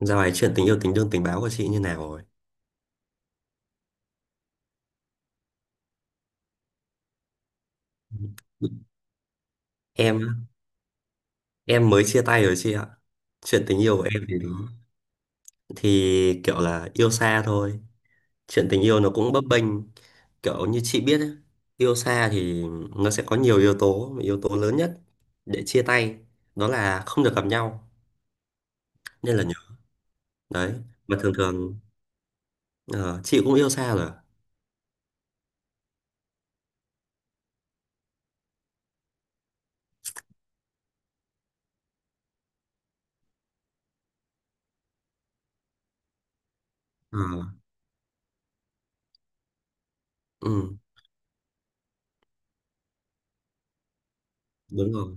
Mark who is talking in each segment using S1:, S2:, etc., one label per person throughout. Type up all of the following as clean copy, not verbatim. S1: Dạo này chuyện tình yêu tình đương tình báo của chị như nào rồi? Em á, em mới chia tay rồi chị ạ. Chuyện tình yêu của em thì kiểu là yêu xa thôi. Chuyện tình yêu nó cũng bấp bênh, kiểu như chị biết ấy, yêu xa thì nó sẽ có nhiều yếu tố, mà yếu tố lớn nhất để chia tay đó là không được gặp nhau nên là nhớ đấy. Mà thường thường ờ, chị cũng yêu xa rồi, à? Ờ, ừ, đúng rồi.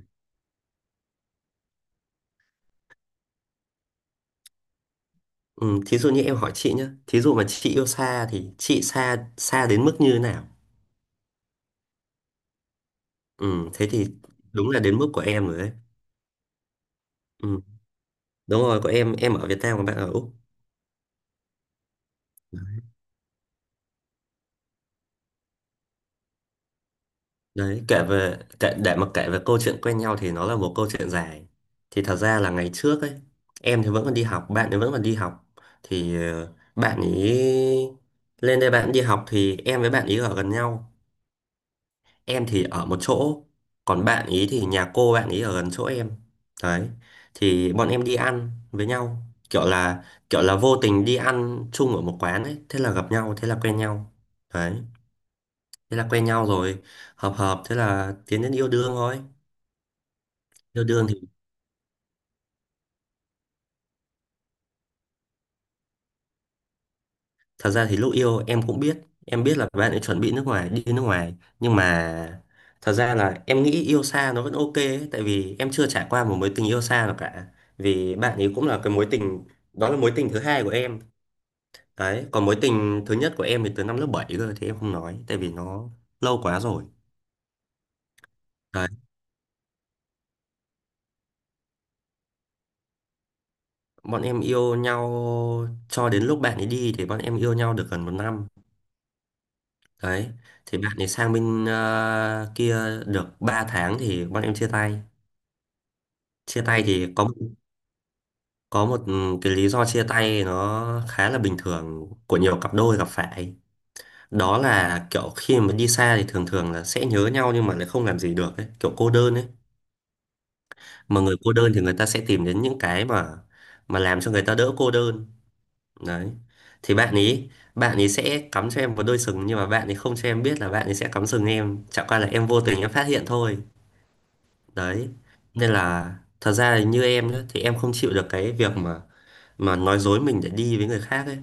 S1: Ừ, thí dụ như em hỏi chị nhé, thí dụ mà chị yêu xa thì chị xa xa đến mức như thế nào? Ừ, thế thì đúng là đến mức của em rồi đấy. Ừ, đúng rồi, của em ở Việt Nam còn bạn ở Úc. Đấy, để mà kể về câu chuyện quen nhau thì nó là một câu chuyện dài. Thì thật ra là ngày trước ấy, em thì vẫn còn đi học, bạn thì vẫn còn đi học. Thì bạn ấy lên đây bạn đi học thì em với bạn ấy ở gần nhau. Em thì ở một chỗ, còn bạn ý thì nhà cô bạn ý ở gần chỗ em. Đấy, thì bọn em đi ăn với nhau, kiểu là kiểu là vô tình đi ăn chung ở một quán ấy, thế là gặp nhau, thế là quen nhau. Đấy, thế là quen nhau rồi, hợp hợp, thế là tiến đến yêu đương thôi. Yêu đương thì thật ra thì lúc yêu em cũng biết, em biết là bạn ấy chuẩn bị nước ngoài, đi nước ngoài. Nhưng mà thật ra là em nghĩ yêu xa nó vẫn ok ấy, tại vì em chưa trải qua một mối tình yêu xa nào cả. Vì bạn ấy cũng là cái mối tình, đó là mối tình thứ hai của em. Đấy, còn mối tình thứ nhất của em thì từ năm lớp 7 cơ thì em không nói, tại vì nó lâu quá rồi. Đấy, bọn em yêu nhau cho đến lúc bạn ấy đi thì bọn em yêu nhau được gần một năm. Đấy, thì bạn ấy sang bên kia được 3 tháng thì bọn em chia tay. Chia tay thì có một cái lý do chia tay nó khá là bình thường của nhiều cặp đôi gặp phải, đó là kiểu khi mà đi xa thì thường thường là sẽ nhớ nhau nhưng mà lại không làm gì được ấy, kiểu cô đơn ấy. Mà người cô đơn thì người ta sẽ tìm đến những cái mà làm cho người ta đỡ cô đơn. Đấy, thì bạn ấy sẽ cắm cho em một đôi sừng, nhưng mà bạn ấy không cho em biết là bạn ấy sẽ cắm sừng em, chẳng qua là em vô tình em phát hiện thôi. Đấy, nên là thật ra là như em nhá, thì em không chịu được cái việc mà nói dối mình để đi với người khác ấy.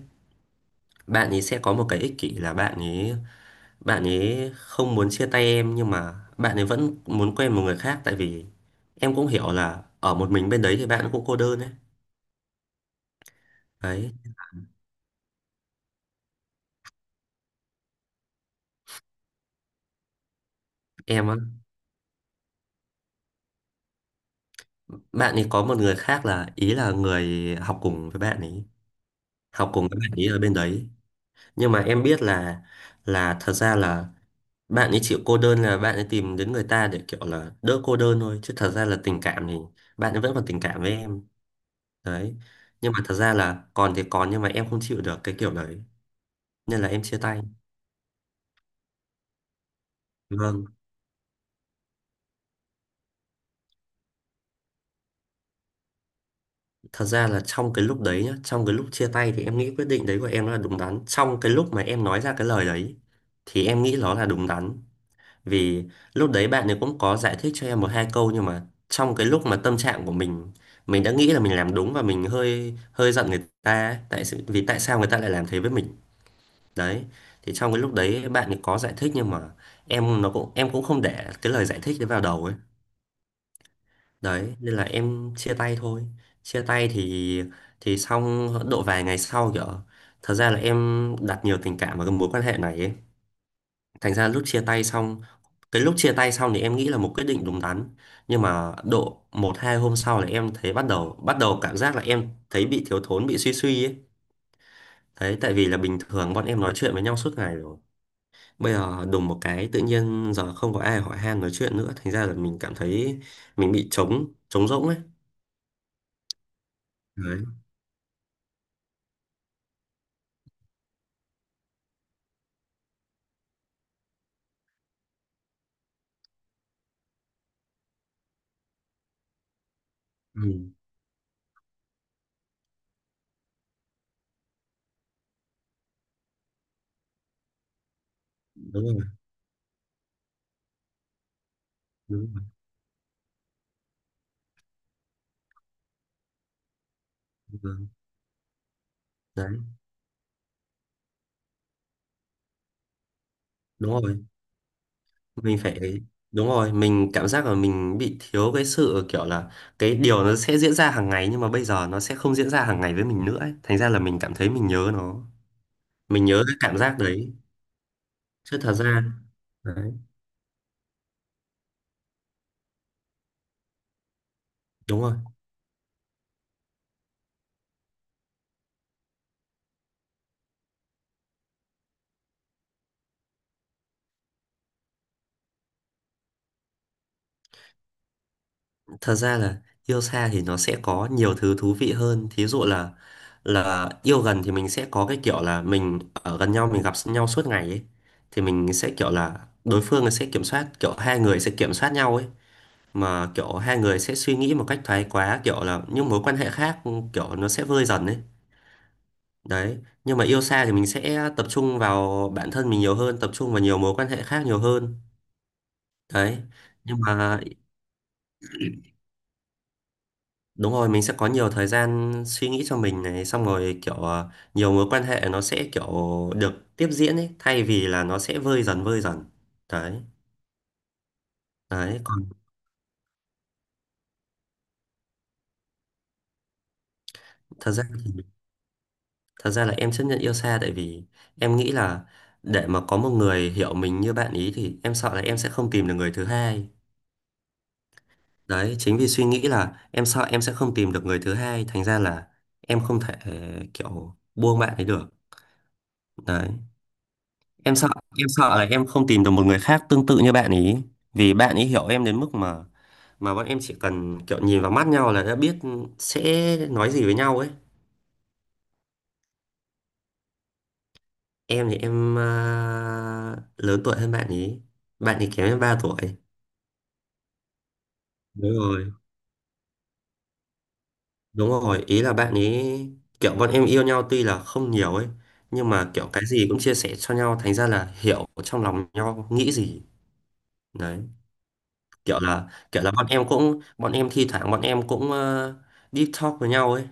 S1: Bạn ấy sẽ có một cái ích kỷ là bạn ấy không muốn chia tay em nhưng mà bạn ấy vẫn muốn quen một người khác, tại vì em cũng hiểu là ở một mình bên đấy thì bạn cũng cô đơn ấy. Đấy, em á, bạn ấy có một người khác là, ý là người học cùng với bạn ấy, học cùng với bạn ấy ở bên đấy. Nhưng mà em biết là thật ra là bạn ấy chịu cô đơn là bạn ấy tìm đến người ta để kiểu là đỡ cô đơn thôi, chứ thật ra là tình cảm thì bạn ấy vẫn còn tình cảm với em. Đấy, nhưng mà thật ra là còn thì còn nhưng mà em không chịu được cái kiểu đấy, nên là em chia tay. Vâng, thật ra là trong cái lúc đấy nhá, trong cái lúc chia tay thì em nghĩ quyết định đấy của em nó là đúng đắn. Trong cái lúc mà em nói ra cái lời đấy thì em nghĩ nó là đúng đắn. Vì lúc đấy bạn ấy cũng có giải thích cho em một hai câu nhưng mà trong cái lúc mà tâm trạng của mình đã nghĩ là mình làm đúng và mình hơi hơi giận người ta ấy, tại sự vì tại sao người ta lại làm thế với mình. Đấy, thì trong cái lúc đấy bạn ấy có giải thích nhưng mà em nó cũng em cũng không để cái lời giải thích đấy vào đầu ấy. Đấy, nên là em chia tay thôi. Chia tay thì xong độ vài ngày sau, kiểu thật ra là em đặt nhiều tình cảm vào cái mối quan hệ này ấy. Thành ra lúc chia tay xong, thì em nghĩ là một quyết định đúng đắn, nhưng mà độ một hai hôm sau là em thấy, bắt đầu cảm giác là em thấy bị thiếu thốn, bị suy suy ấy. Đấy, tại vì là bình thường bọn em nói chuyện với nhau suốt ngày rồi, bây giờ đùng một cái tự nhiên giờ không có ai hỏi han nói chuyện nữa, thành ra là mình cảm thấy mình bị trống trống rỗng ấy. Đấy, ừ, đúng rồi. Đúng rồi. Vâng. Đấy, đúng rồi. Mình phải, đúng rồi, mình cảm giác là mình bị thiếu cái sự kiểu là cái điều nó sẽ diễn ra hàng ngày nhưng mà bây giờ nó sẽ không diễn ra hàng ngày với mình nữa ấy. Thành ra là mình cảm thấy mình nhớ nó, mình nhớ cái cảm giác đấy, chứ thật ra. Đấy, đúng rồi. Thật ra là yêu xa thì nó sẽ có nhiều thứ thú vị hơn. Thí dụ là yêu gần thì mình sẽ có cái kiểu là mình ở gần nhau, mình gặp nhau suốt ngày ấy, thì mình sẽ kiểu là đối phương sẽ kiểm soát, kiểu hai người sẽ kiểm soát nhau ấy, mà kiểu hai người sẽ suy nghĩ một cách thái quá kiểu là những mối quan hệ khác kiểu nó sẽ vơi dần ấy. Đấy, nhưng mà yêu xa thì mình sẽ tập trung vào bản thân mình nhiều hơn, tập trung vào nhiều mối quan hệ khác nhiều hơn. Đấy, nhưng mà đúng rồi, mình sẽ có nhiều thời gian suy nghĩ cho mình này, xong rồi kiểu nhiều mối quan hệ nó sẽ kiểu được tiếp diễn ấy, thay vì là nó sẽ vơi dần vơi dần. Đấy, đấy, còn thật ra thì, thật ra là em chấp nhận yêu xa tại vì em nghĩ là để mà có một người hiểu mình như bạn ý thì em sợ là em sẽ không tìm được người thứ hai. Đấy, chính vì suy nghĩ là em sợ em sẽ không tìm được người thứ hai, thành ra là em không thể kiểu buông bạn ấy được. Đấy. Em sợ, em sợ là em không tìm được một người khác tương tự như bạn ý. Vì bạn ý hiểu em đến mức mà bọn em chỉ cần kiểu nhìn vào mắt nhau là đã biết sẽ nói gì với nhau ấy. Em thì em lớn tuổi hơn bạn ý. Bạn ý kém em 3 tuổi. Đúng rồi, đúng rồi. Ý là bạn ấy kiểu bọn em yêu nhau tuy là không nhiều ấy, nhưng mà kiểu cái gì cũng chia sẻ cho nhau, thành ra là hiểu trong lòng nhau nghĩ gì. Đấy, kiểu là bọn em cũng, bọn em thi thoảng bọn em cũng deep talk với nhau ấy.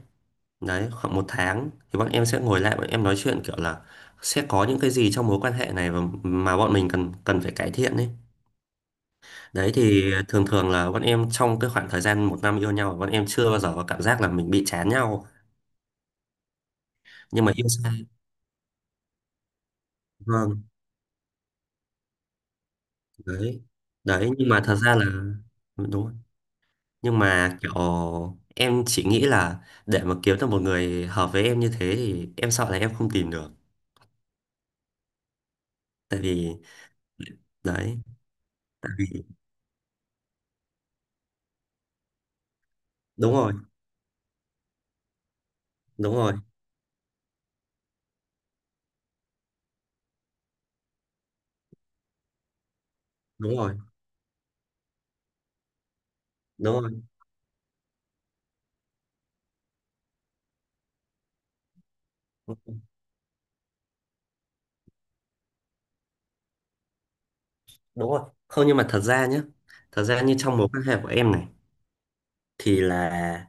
S1: Đấy, khoảng một tháng thì bọn em sẽ ngồi lại bọn em nói chuyện kiểu là sẽ có những cái gì trong mối quan hệ này và mà bọn mình cần cần phải cải thiện ấy. Đấy, thì thường thường là bọn em trong cái khoảng thời gian một năm yêu nhau bọn em chưa bao giờ có cảm giác là mình bị chán nhau, nhưng mà yêu sai. Vâng, đấy, đấy, nhưng mà thật ra là đúng rồi. Nhưng mà kiểu em chỉ nghĩ là để mà kiếm được một người hợp với em như thế thì em sợ là em không tìm được. Tại vì, đấy, tại vì đúng rồi, đúng rồi, đúng rồi, đúng rồi. Ừ, đúng rồi. Không, nhưng mà thật ra nhé, thật ra như trong mối quan hệ của em này thì là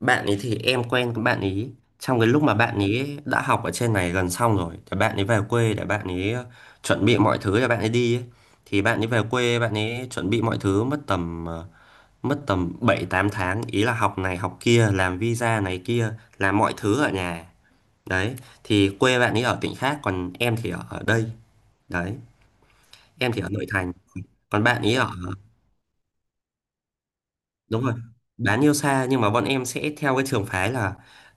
S1: bạn ấy, thì em quen với bạn ấy trong cái lúc mà bạn ấy đã học ở trên này gần xong rồi thì bạn ấy về quê để bạn ấy chuẩn bị mọi thứ để bạn ấy đi ấy. Thì bạn ấy về quê bạn ấy chuẩn bị mọi thứ mất tầm mất tầm 7 8 tháng, ý là học này học kia, làm visa này kia, làm mọi thứ ở nhà. Đấy, thì quê bạn ấy ở tỉnh khác, còn em thì ở ở đây. Đấy, em thì ở nội thành, còn bạn ấy ở. Đúng rồi, bán yêu xa nhưng mà bọn em sẽ theo cái trường phái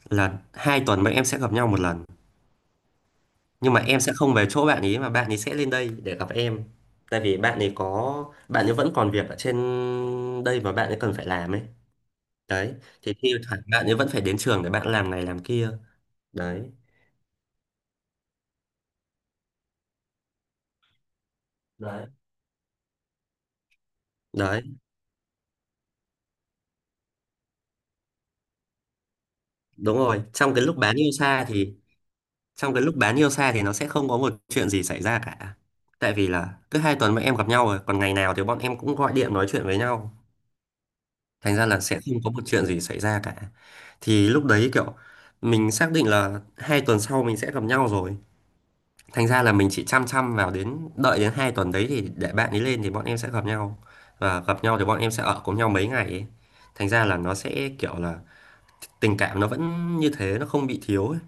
S1: là hai tuần bọn em sẽ gặp nhau một lần. Nhưng mà em sẽ không về chỗ bạn ấy mà bạn ấy sẽ lên đây để gặp em, tại vì bạn ấy có, bạn ấy vẫn còn việc ở trên đây mà bạn ấy cần phải làm ấy. Đấy, thì thi thoảng bạn ấy vẫn phải đến trường để bạn làm này làm kia. Đấy. Đấy. Đấy, đúng rồi, trong cái lúc bán yêu xa thì, trong cái lúc bán yêu xa thì nó sẽ không có một chuyện gì xảy ra cả, tại vì là cứ hai tuần bọn em gặp nhau rồi, còn ngày nào thì bọn em cũng gọi điện nói chuyện với nhau. Thành ra là sẽ không có một chuyện gì xảy ra cả. Thì lúc đấy kiểu mình xác định là hai tuần sau mình sẽ gặp nhau rồi, thành ra là mình chỉ chăm chăm vào đến đợi đến hai tuần đấy thì để bạn ấy lên thì bọn em sẽ gặp nhau, và gặp nhau thì bọn em sẽ ở cùng nhau mấy ngày ấy. Thành ra là nó sẽ kiểu là tình cảm nó vẫn như thế, nó không bị thiếu ấy.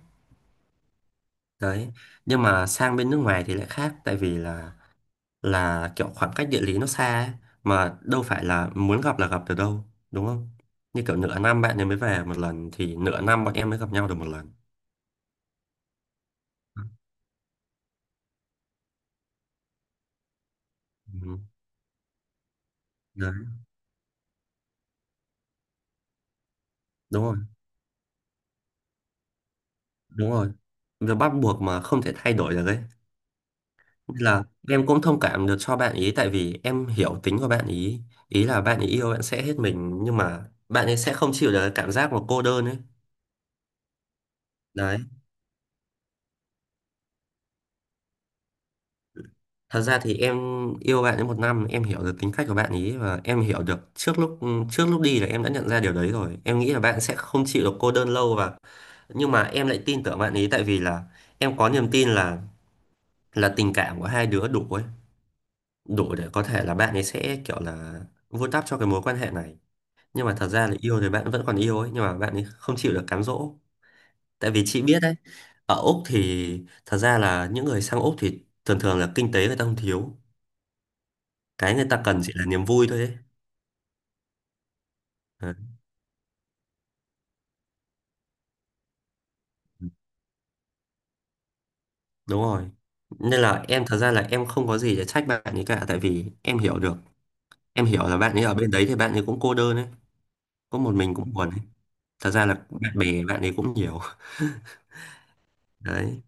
S1: Đấy. Nhưng mà sang bên nước ngoài thì lại khác, tại vì là kiểu khoảng cách địa lý nó xa ấy, mà đâu phải là muốn gặp là gặp được đâu, đúng không? Như kiểu nửa năm bạn ấy mới về một lần thì nửa năm bọn em mới gặp nhau được một lần. Ừ. Đấy, đúng rồi, đúng rồi, việc bắt buộc mà không thể thay đổi được ấy. Nên là em cũng thông cảm được cho bạn ý, tại vì em hiểu tính của bạn ý. Ý là bạn ấy yêu bạn sẽ hết mình nhưng mà bạn ấy sẽ không chịu được cái cảm giác mà cô đơn ấy. Đấy. Thật ra thì em yêu bạn ấy một năm, em hiểu được tính cách của bạn ấy và em hiểu được trước lúc, trước lúc đi là em đã nhận ra điều đấy rồi. Em nghĩ là bạn sẽ không chịu được cô đơn lâu, và nhưng mà em lại tin tưởng bạn ấy, tại vì là em có niềm tin là tình cảm của hai đứa đủ ấy, đủ để có thể là bạn ấy sẽ kiểu là vun đắp cho cái mối quan hệ này. Nhưng mà thật ra là yêu thì bạn vẫn còn yêu ấy, nhưng mà bạn ấy không chịu được cám dỗ. Tại vì chị biết đấy, ở Úc thì, thật ra là những người sang Úc thì thường thường là kinh tế người ta không thiếu, cái người ta cần chỉ là niềm vui thôi ấy. Đấy, đúng rồi, nên là em, thật ra là em không có gì để trách bạn ấy cả, tại vì em hiểu được, em hiểu là bạn ấy ở bên đấy thì bạn ấy cũng cô đơn ấy, có một mình cũng buồn ấy. Thật ra là bạn bè bạn ấy cũng nhiều. Đấy.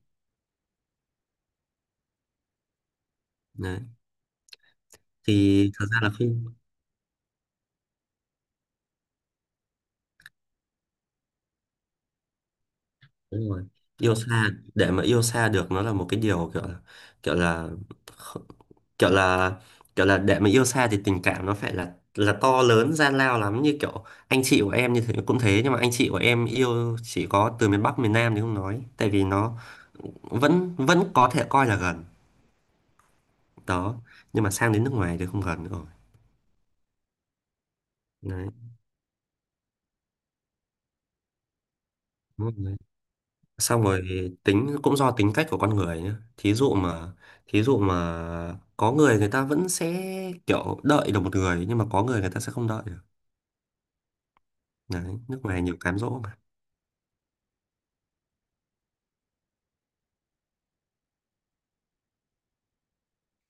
S1: Đấy, thì thật ra là khi, đúng rồi, yêu xa để mà yêu xa được nó là một cái điều kiểu là, kiểu là, kh- kiểu là, kiểu là để mà yêu xa thì tình cảm nó phải là to lớn gian lao lắm, như kiểu anh chị của em như thế cũng thế, nhưng mà anh chị của em yêu chỉ có từ miền Bắc miền Nam thì không nói, tại vì nó vẫn vẫn có thể coi là gần. Đó. Nhưng mà sang đến nước ngoài thì không gần nữa rồi. Đấy, xong rồi, tính cũng do tính cách của con người nhé. Thí dụ mà, thí dụ mà có người người ta vẫn sẽ kiểu đợi được một người, nhưng mà có người người ta sẽ không đợi được. Đấy, nước ngoài nhiều cám dỗ mà.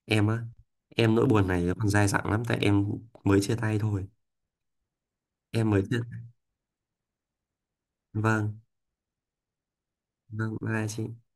S1: Em á, em nỗi buồn này còn dai dẳng lắm, tại em mới chia tay thôi. Em mới chia. Vâng, vâng, bye bye chị.